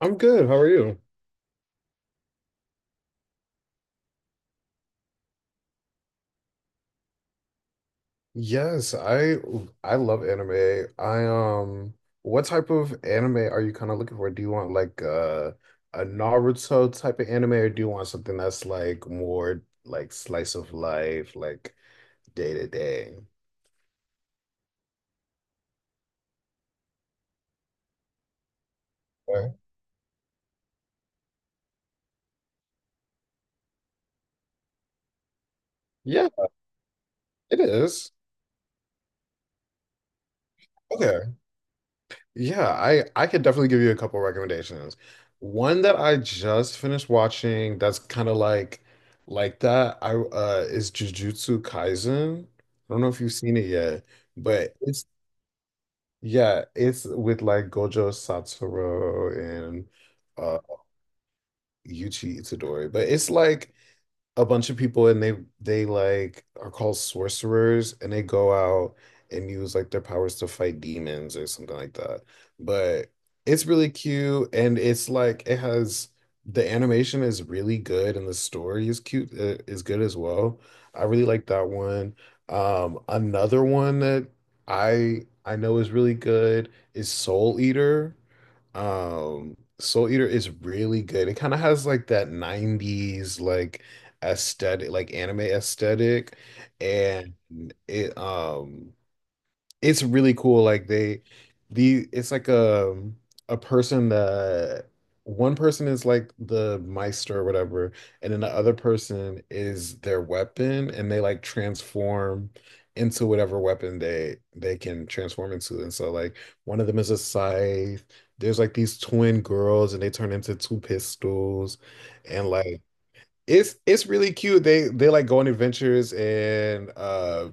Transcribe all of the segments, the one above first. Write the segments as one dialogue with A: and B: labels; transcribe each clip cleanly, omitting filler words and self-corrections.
A: I'm good. How are you? Yes, I love anime. I what type of anime are you kind of looking for? Do you want like a Naruto type of anime, or do you want something that's like more like slice of life, like day to day? Okay. Yeah, it is. Yeah, I could definitely give you a couple recommendations. One that I just finished watching that's kind of like that I is Jujutsu Kaisen. I don't know if you've seen it yet, but it's yeah, it's with like Gojo Satoru and uh Yuji Itadori. But it's like a bunch of people and they like are called sorcerers, and they go out and use like their powers to fight demons or something like that. But it's really cute, and it's like it has the animation is really good and the story is cute is good as well. I really like that one. Another one that I know is really good is Soul Eater. Soul Eater is really good. It kind of has like that 90s like aesthetic, like anime aesthetic, and it um it's really cool. Like they the it's like a person that one person is like the Meister or whatever, and then the other person is their weapon, and they like transform into whatever weapon they can transform into. And so like one of them is a scythe. There's like these twin girls and they turn into two pistols, and like it's really cute. They like go on adventures, and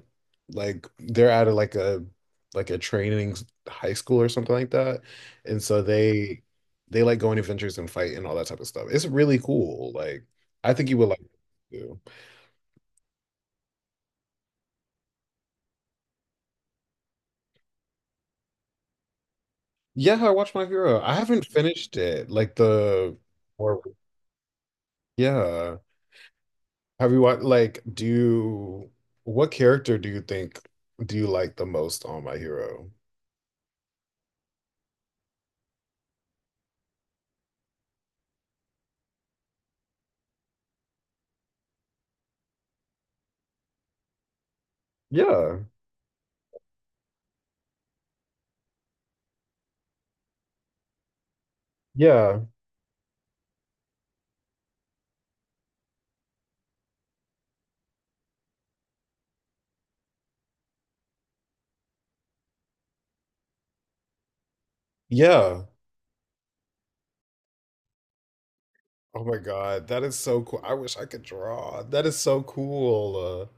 A: like they're out of like a training high school or something like that. And so they like go on adventures and fight and all that type of stuff. It's really cool. Like I think you would like it too. Yeah, I watched My Hero. I haven't finished it. Like the or yeah. Have you watched like do you, what character do you think do you like the most on My Hero? Yeah. Yeah. Yeah. Oh my god, that is so cool. I wish I could draw. That is so cool.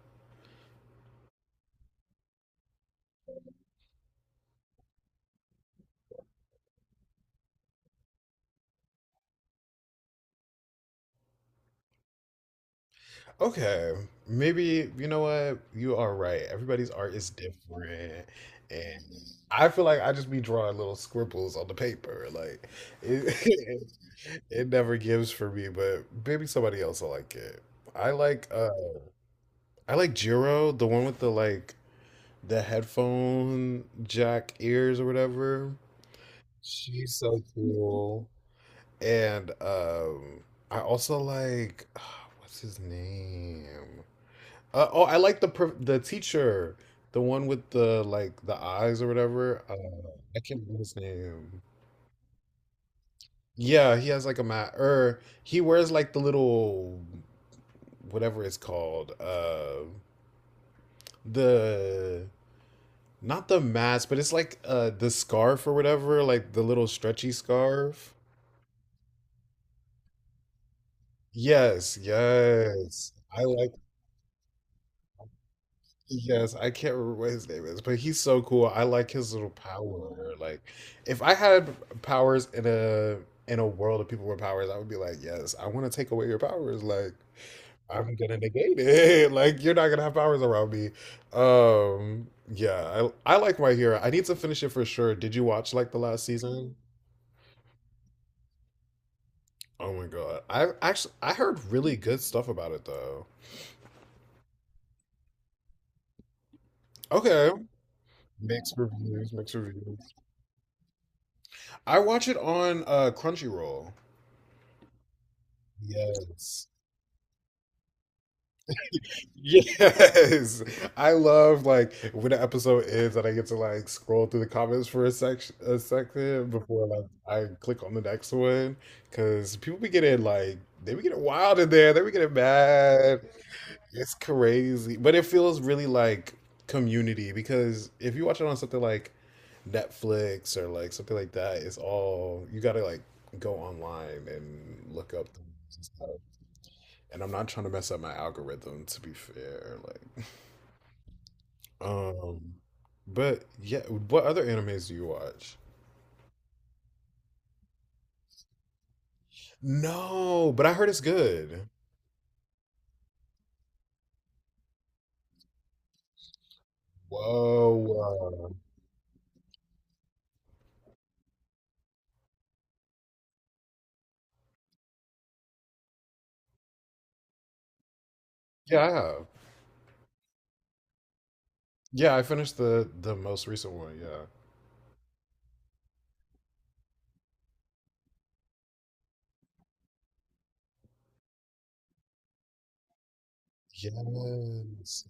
A: Okay, maybe you know what? You are right. Everybody's art is different. And I feel like I just be drawing little scribbles on the paper. Like it, it never gives for me, but maybe somebody else will like it. I like uh I like Jiro, the one with the like the headphone jack ears or whatever. She's so cool. And I also like oh, what's his name? Oh, I like the the teacher, the one with the like the eyes or whatever. I can't remember his name. Yeah, he has like a mat, or he wears like the little whatever it's called. The not the mask, but it's like the scarf or whatever, like the little stretchy scarf. Yes, yes. I like Yes, I can't remember what his name is, but he's so cool. I like his little power. Like, if I had powers in a world of people with powers, I would be like, yes, I want to take away your powers. Like, I'm gonna negate it. Like, you're not gonna have powers around me. Yeah, I like My Hero. I need to finish it for sure. Did you watch like the last season? Oh my God. I actually I heard really good stuff about it though. Okay. Mixed reviews, mixed reviews. I watch it on Crunchyroll. Yes. Yes. I love like when the episode ends and I get to like scroll through the comments for a second before like I click on the next one, because people be getting like they be getting wild in there, they be getting mad. It's crazy. But it feels really like community, because if you watch it on something like Netflix or like something like that, it's all you gotta like go online and look up the and I'm not trying to mess up my algorithm, to be fair. Like, um, but yeah, what other animes do you watch? No, but I heard it's good. Whoa, yeah, I have. Yeah, I finished the most recent one. Yeah. Yes.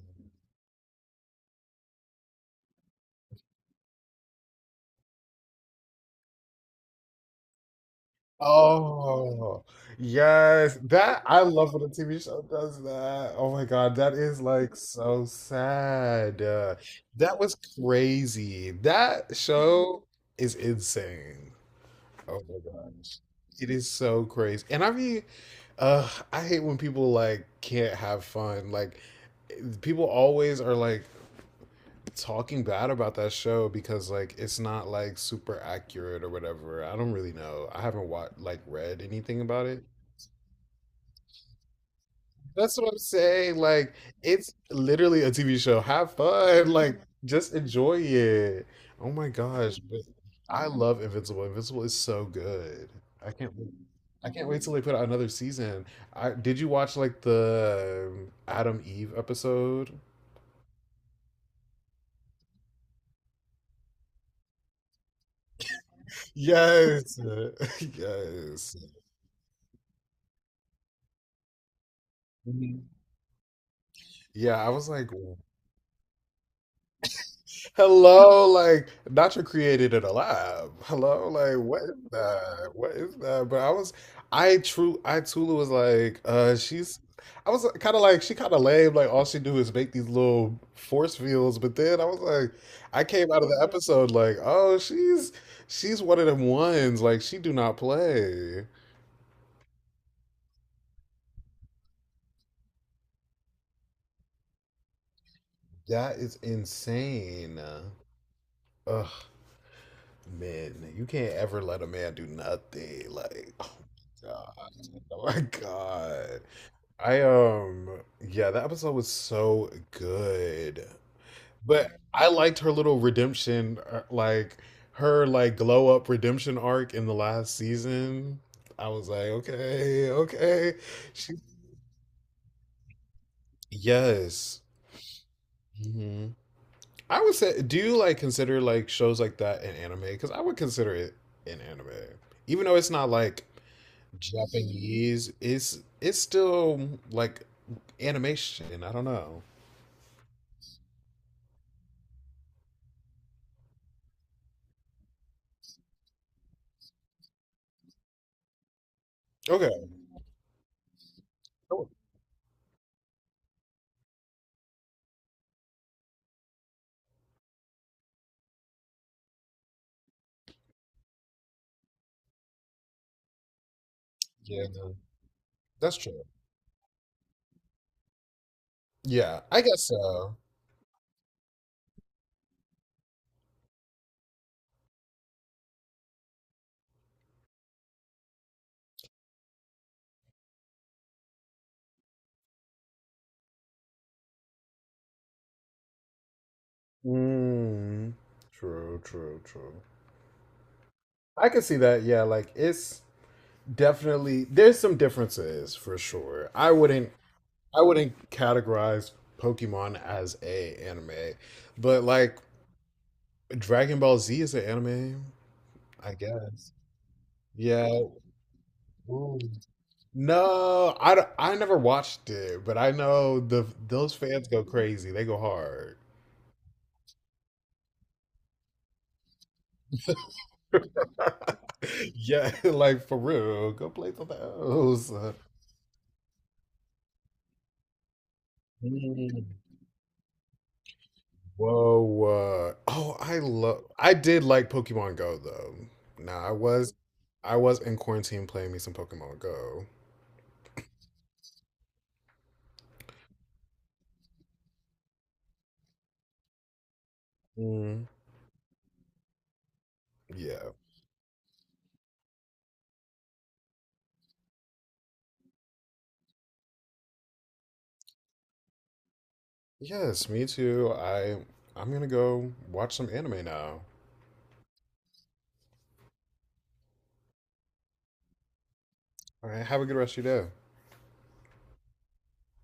A: Oh, yes. That I love when a TV show does that. Oh my God, that is like so sad. That was crazy. That show is insane. Oh my gosh. It is so crazy. And I mean, I hate when people like can't have fun. Like eh, people always are like talking bad about that show because like it's not like super accurate or whatever. I don't really know. I haven't watched like read anything about it. That's what I'm saying. Like, it's literally a TV show. Have fun. Like, just enjoy it. Oh my gosh. But I love Invincible. Invincible is so good. I can't wait. I can't wait till they put out another season. I did you watch like the Adam Eve episode? Yes. Yes. Mhm. Yeah, I was like, Hello, like Nacho created it alive. Hello, like what is that? What is that? But I was, I true, I Tula was like, she's, I was kind of like, she kind of lame. Like all she do is make these little force fields. But then I was like, I came out of the episode like, oh, she's one of them ones. Like she do not play. That is insane. Ugh. Men, you can't ever let a man do nothing. Like, oh my god, oh my god. I yeah, that episode was so good. But I liked her little redemption, like her like glow up redemption arc in the last season. I was like, okay, okay. She, yes. hmm I would say, do you like consider like shows like that in anime? Because I would consider it in anime, even though it's not like Japanese is it's still like animation. I don't know. Okay. Oh, Yeah, no, that's true. Yeah, I guess so. Mm, true, true, true. I can see that. Yeah, like it's definitely there's some differences for sure. I wouldn't categorize Pokemon as a anime, but like Dragon Ball Z is an anime, I guess. Yeah. Ooh. No, I, I never watched it, but I know the those fans go crazy. They go hard. Yeah, like for real. Go play for those. Mm. Whoa. Oh, I love I did like Pokemon Go though. Nah, I was in quarantine playing me some Pokemon Go. Mm. Yeah. Yes, me too. I'm gonna go watch some anime now. All right, have a good rest of your day.